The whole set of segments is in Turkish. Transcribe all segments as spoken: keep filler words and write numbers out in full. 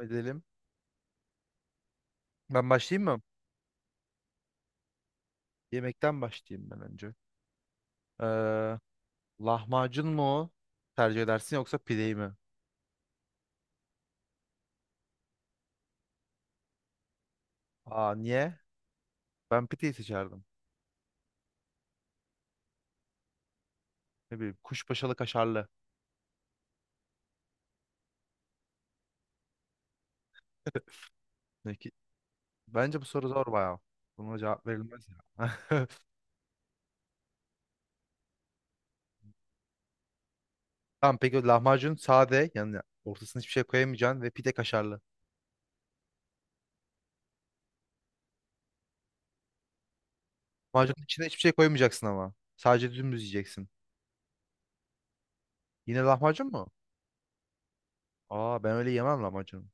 Edelim. Ben başlayayım mı? Yemekten başlayayım ben önce. Ee, lahmacun mu tercih edersin yoksa pideyi mi? Aa niye? Ben pideyi seçerdim. Ne bileyim kuşbaşılı kaşarlı. Peki, bence bu soru zor bayağı. Buna cevap verilmez ya. Tamam peki o lahmacun sade yani ortasına hiçbir şey koyamayacaksın ve pide kaşarlı. Lahmacunun içine hiçbir şey koymayacaksın ama. Sadece dümdüz yiyeceksin. Yine lahmacun mu? Aa ben öyle yemem lahmacunu.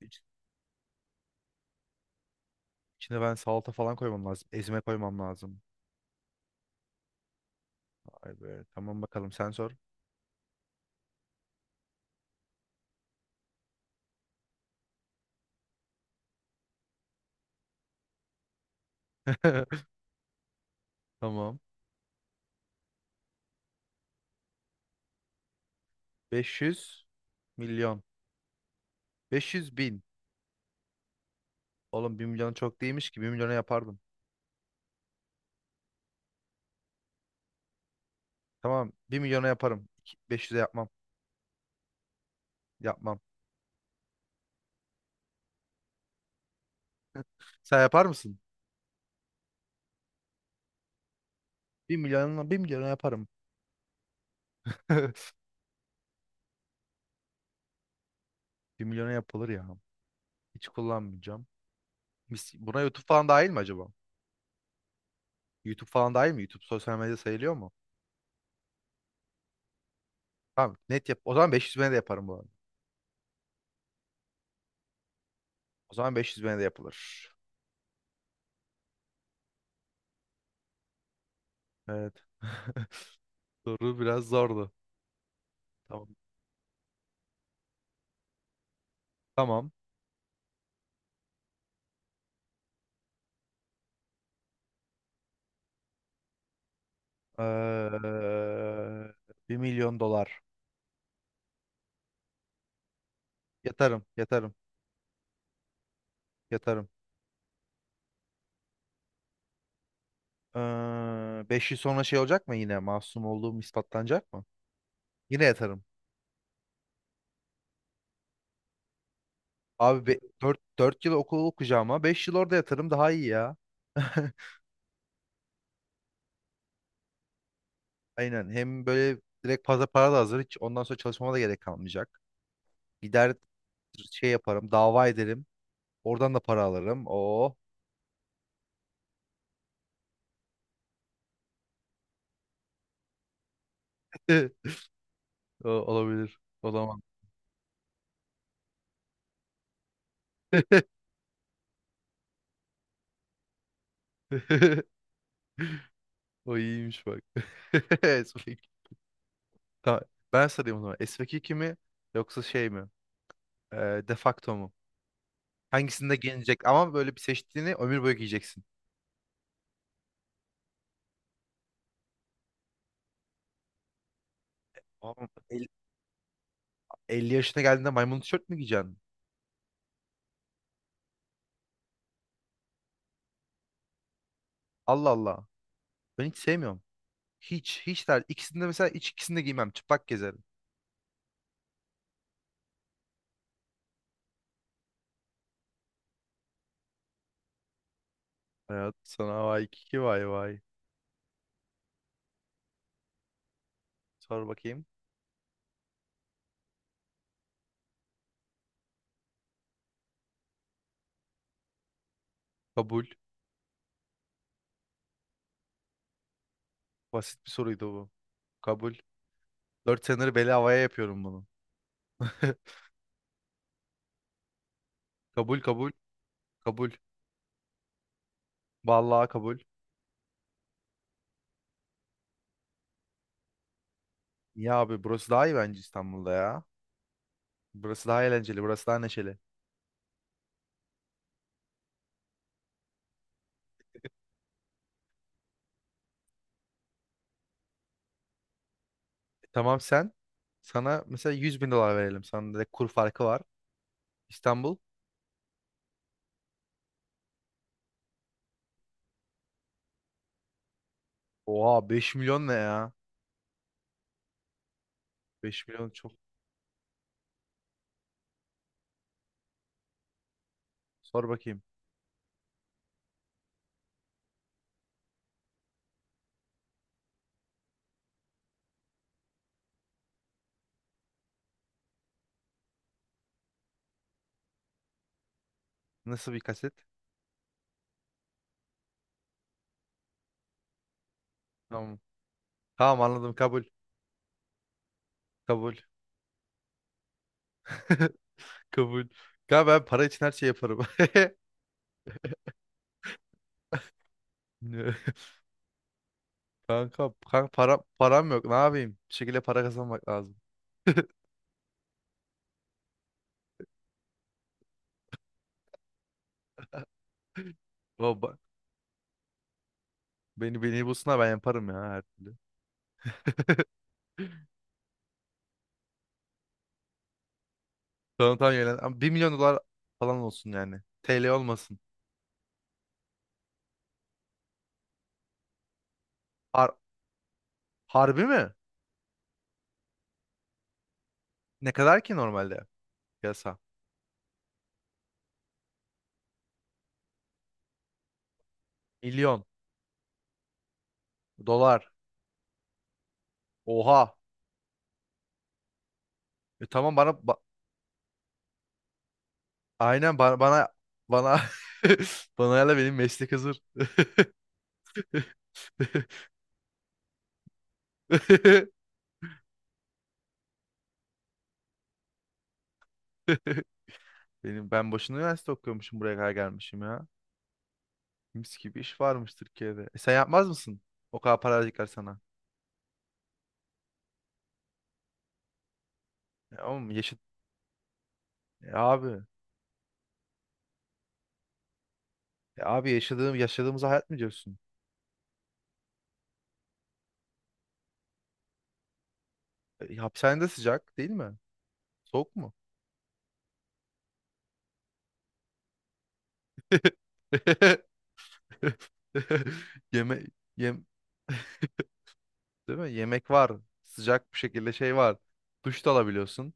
İç- İçine ben salata falan koymam lazım. Ezme koymam lazım. Vay be. Tamam bakalım sen sor. Tamam. beş yüz milyon. beş yüz bin. Oğlum bir milyon çok değilmiş ki bir milyona yapardım. Tamam bir milyona yaparım. İki- beş yüze yapmam. Yapmam. Sen yapar mısın? Bir milyona bir milyona yaparım. Bir milyona yapılır ya. Hiç kullanmayacağım. Mis- Buna YouTube falan dahil mi acaba? YouTube falan dahil mi? YouTube sosyal medya sayılıyor mu? Tamam net yap. O zaman beş yüz bine de yaparım bu arada. O zaman beş yüz bine de yapılır. Evet. Soru biraz zordu. Tamam. Tamam. Eee bir milyon dolar. Yatarım, yatarım, yatarım. Eee beş yıl sonra şey olacak mı yine? Masum olduğum ispatlanacak mı? Yine yatarım. Abi dört dört yıl okul okuyacağıma beş yıl orada yatarım daha iyi ya. Aynen. Hem böyle direkt fazla para da hazır. Hiç ondan sonra çalışmama da gerek kalmayacak. Gider şey yaparım, dava ederim. Oradan da para alırım. Oo. O olabilir. Olamam. O iyiymiş bak. Tamam, ben sarayım o zaman. S V K mi yoksa şey mi? Ee, de facto mu? Hangisinde giyinecek? Ama böyle bir seçtiğini ömür boyu giyeceksin. Oğlum, el- elli yaşına geldiğinde maymun tişört mü giyeceksin? Allah Allah. Ben hiç sevmiyorum. Hiç, hiç der. İkisinde mesela hiç ikisinde giymem. Çıplak gezerim. Hayat sana vay kiki vay vay. Sor bakayım. Kabul. Basit bir soruydu bu. Kabul. Dört senedir beli havaya yapıyorum bunu. Kabul kabul. Kabul. Vallahi kabul. Ya abi burası daha iyi bence İstanbul'da ya. Burası daha eğlenceli, burası daha neşeli. E, Tamam sen, sana mesela yüz bin dolar verelim. Sana direkt kur farkı var. İstanbul. Oha beş milyon ne ya? Beş milyon çok. Sor bakayım. Nasıl bir kaset? Tamam. Tamam anladım kabul. Kabul. Kabul. Ya ben para için her şey yaparım. Ne? Kanka, kanka para, param yok. Ne yapayım? Bir şekilde para kazanmak lazım. Baba, beni beni bulsunlar ben yaparım ya her türlü. Tamam tamam yönlen. Ama bir milyon dolar falan olsun yani. T L olmasın. Ar- Harbi mi? Ne kadar ki normalde piyasa? Milyon dolar. Oha. E tamam bana ba- aynen bana bana bana bana hala benim meslek hazır. Benim ben boşuna üniversite okuyormuşum buraya kadar gelmişim ya. Mis gibi iş varmış Türkiye'de. E sen yapmaz mısın? O kadar para verecekler sana. E oğlum yaşa E abi. E abi yaşadığım yaşadığımız hayat mı diyorsun? E, hapishanede sıcak değil mi? Soğuk mu? Yeme yem değil mi? Yemek var. Sıcak bir şekilde şey var. Duş da alabiliyorsun.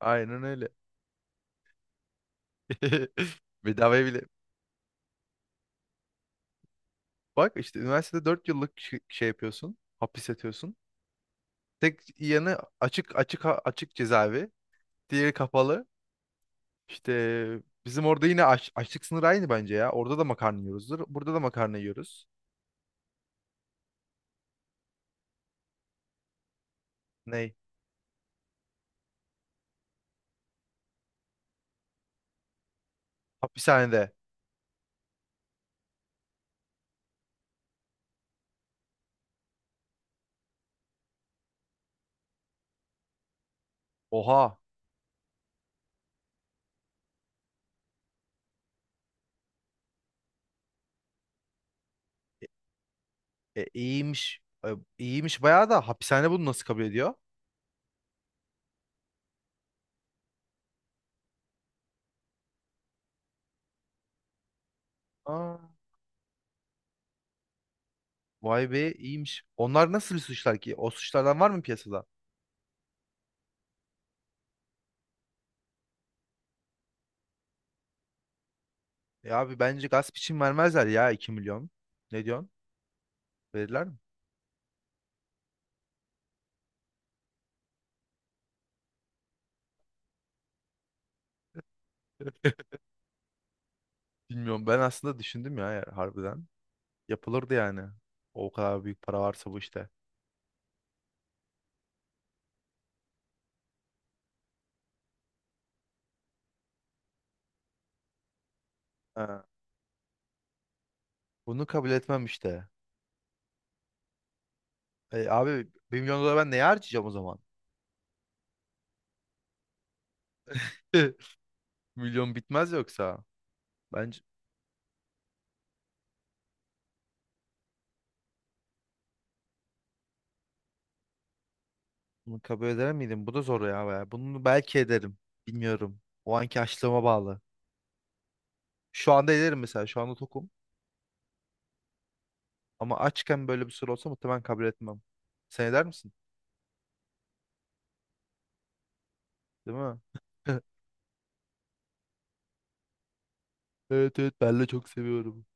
Aynen öyle. Bedavaya bile. Bak işte üniversitede dört yıllık şey şey yapıyorsun. Hapis yatıyorsun. Tek yanı açık açık açık cezaevi. Diğeri kapalı. İşte bizim orada yine aç, açlık sınırı aynı bence ya. Orada da makarna yiyoruzdur. Burada da makarna yiyoruz. Ney? Hapishanede. Oha. E, iyiymiş. E, iyiymiş bayağı da hapishane bunu nasıl kabul ediyor? Aa. Vay be iyiymiş. Onlar nasıl suçlar ki? O suçlardan var mı piyasada? Ya abi bence gasp için vermezler ya iki milyon. Ne diyorsun? Verirler mi? Bilmiyorum. Ben aslında düşündüm ya ya- harbiden. Yapılırdı yani. O kadar büyük para varsa bu işte. Ha. Bunu kabul etmem işte. E, abi bir milyon dolar ben neye harcayacağım o zaman? Milyon bitmez yoksa. Bence bunu kabul eder miydim? Bu da zor ya baya. Bunu belki ederim. Bilmiyorum. O anki açlığıma bağlı. Şu anda ederim mesela. Şu anda tokum. Ama açken böyle bir soru olsa muhtemelen kabul etmem. Sen eder misin? Değil mi? Evet evet ben de çok seviyorum.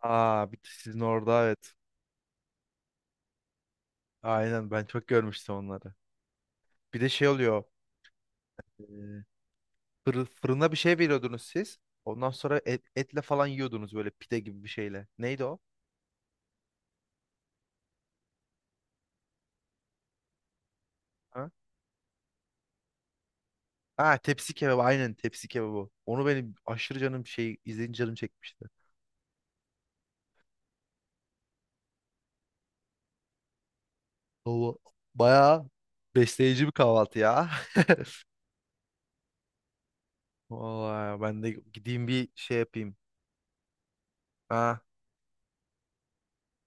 Aa bir de sizin orada evet. Aynen ben çok görmüştüm onları. Bir de şey oluyor. e, fırı- fırına bir şey veriyordunuz siz. Ondan sonra et, etle falan yiyordunuz böyle pide gibi bir şeyle. Neydi o? Ha? Ha tepsi kebabı aynen tepsi kebabı. Onu benim aşırı canım şey izleyince canım çekmişti. O bayağı besleyici bir kahvaltı ya. Vallahi ben de gideyim bir şey yapayım. Ha,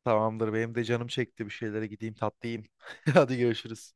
tamamdır. Benim de canım çekti. Bir şeylere gideyim tatlı yiyeyim. Hadi görüşürüz.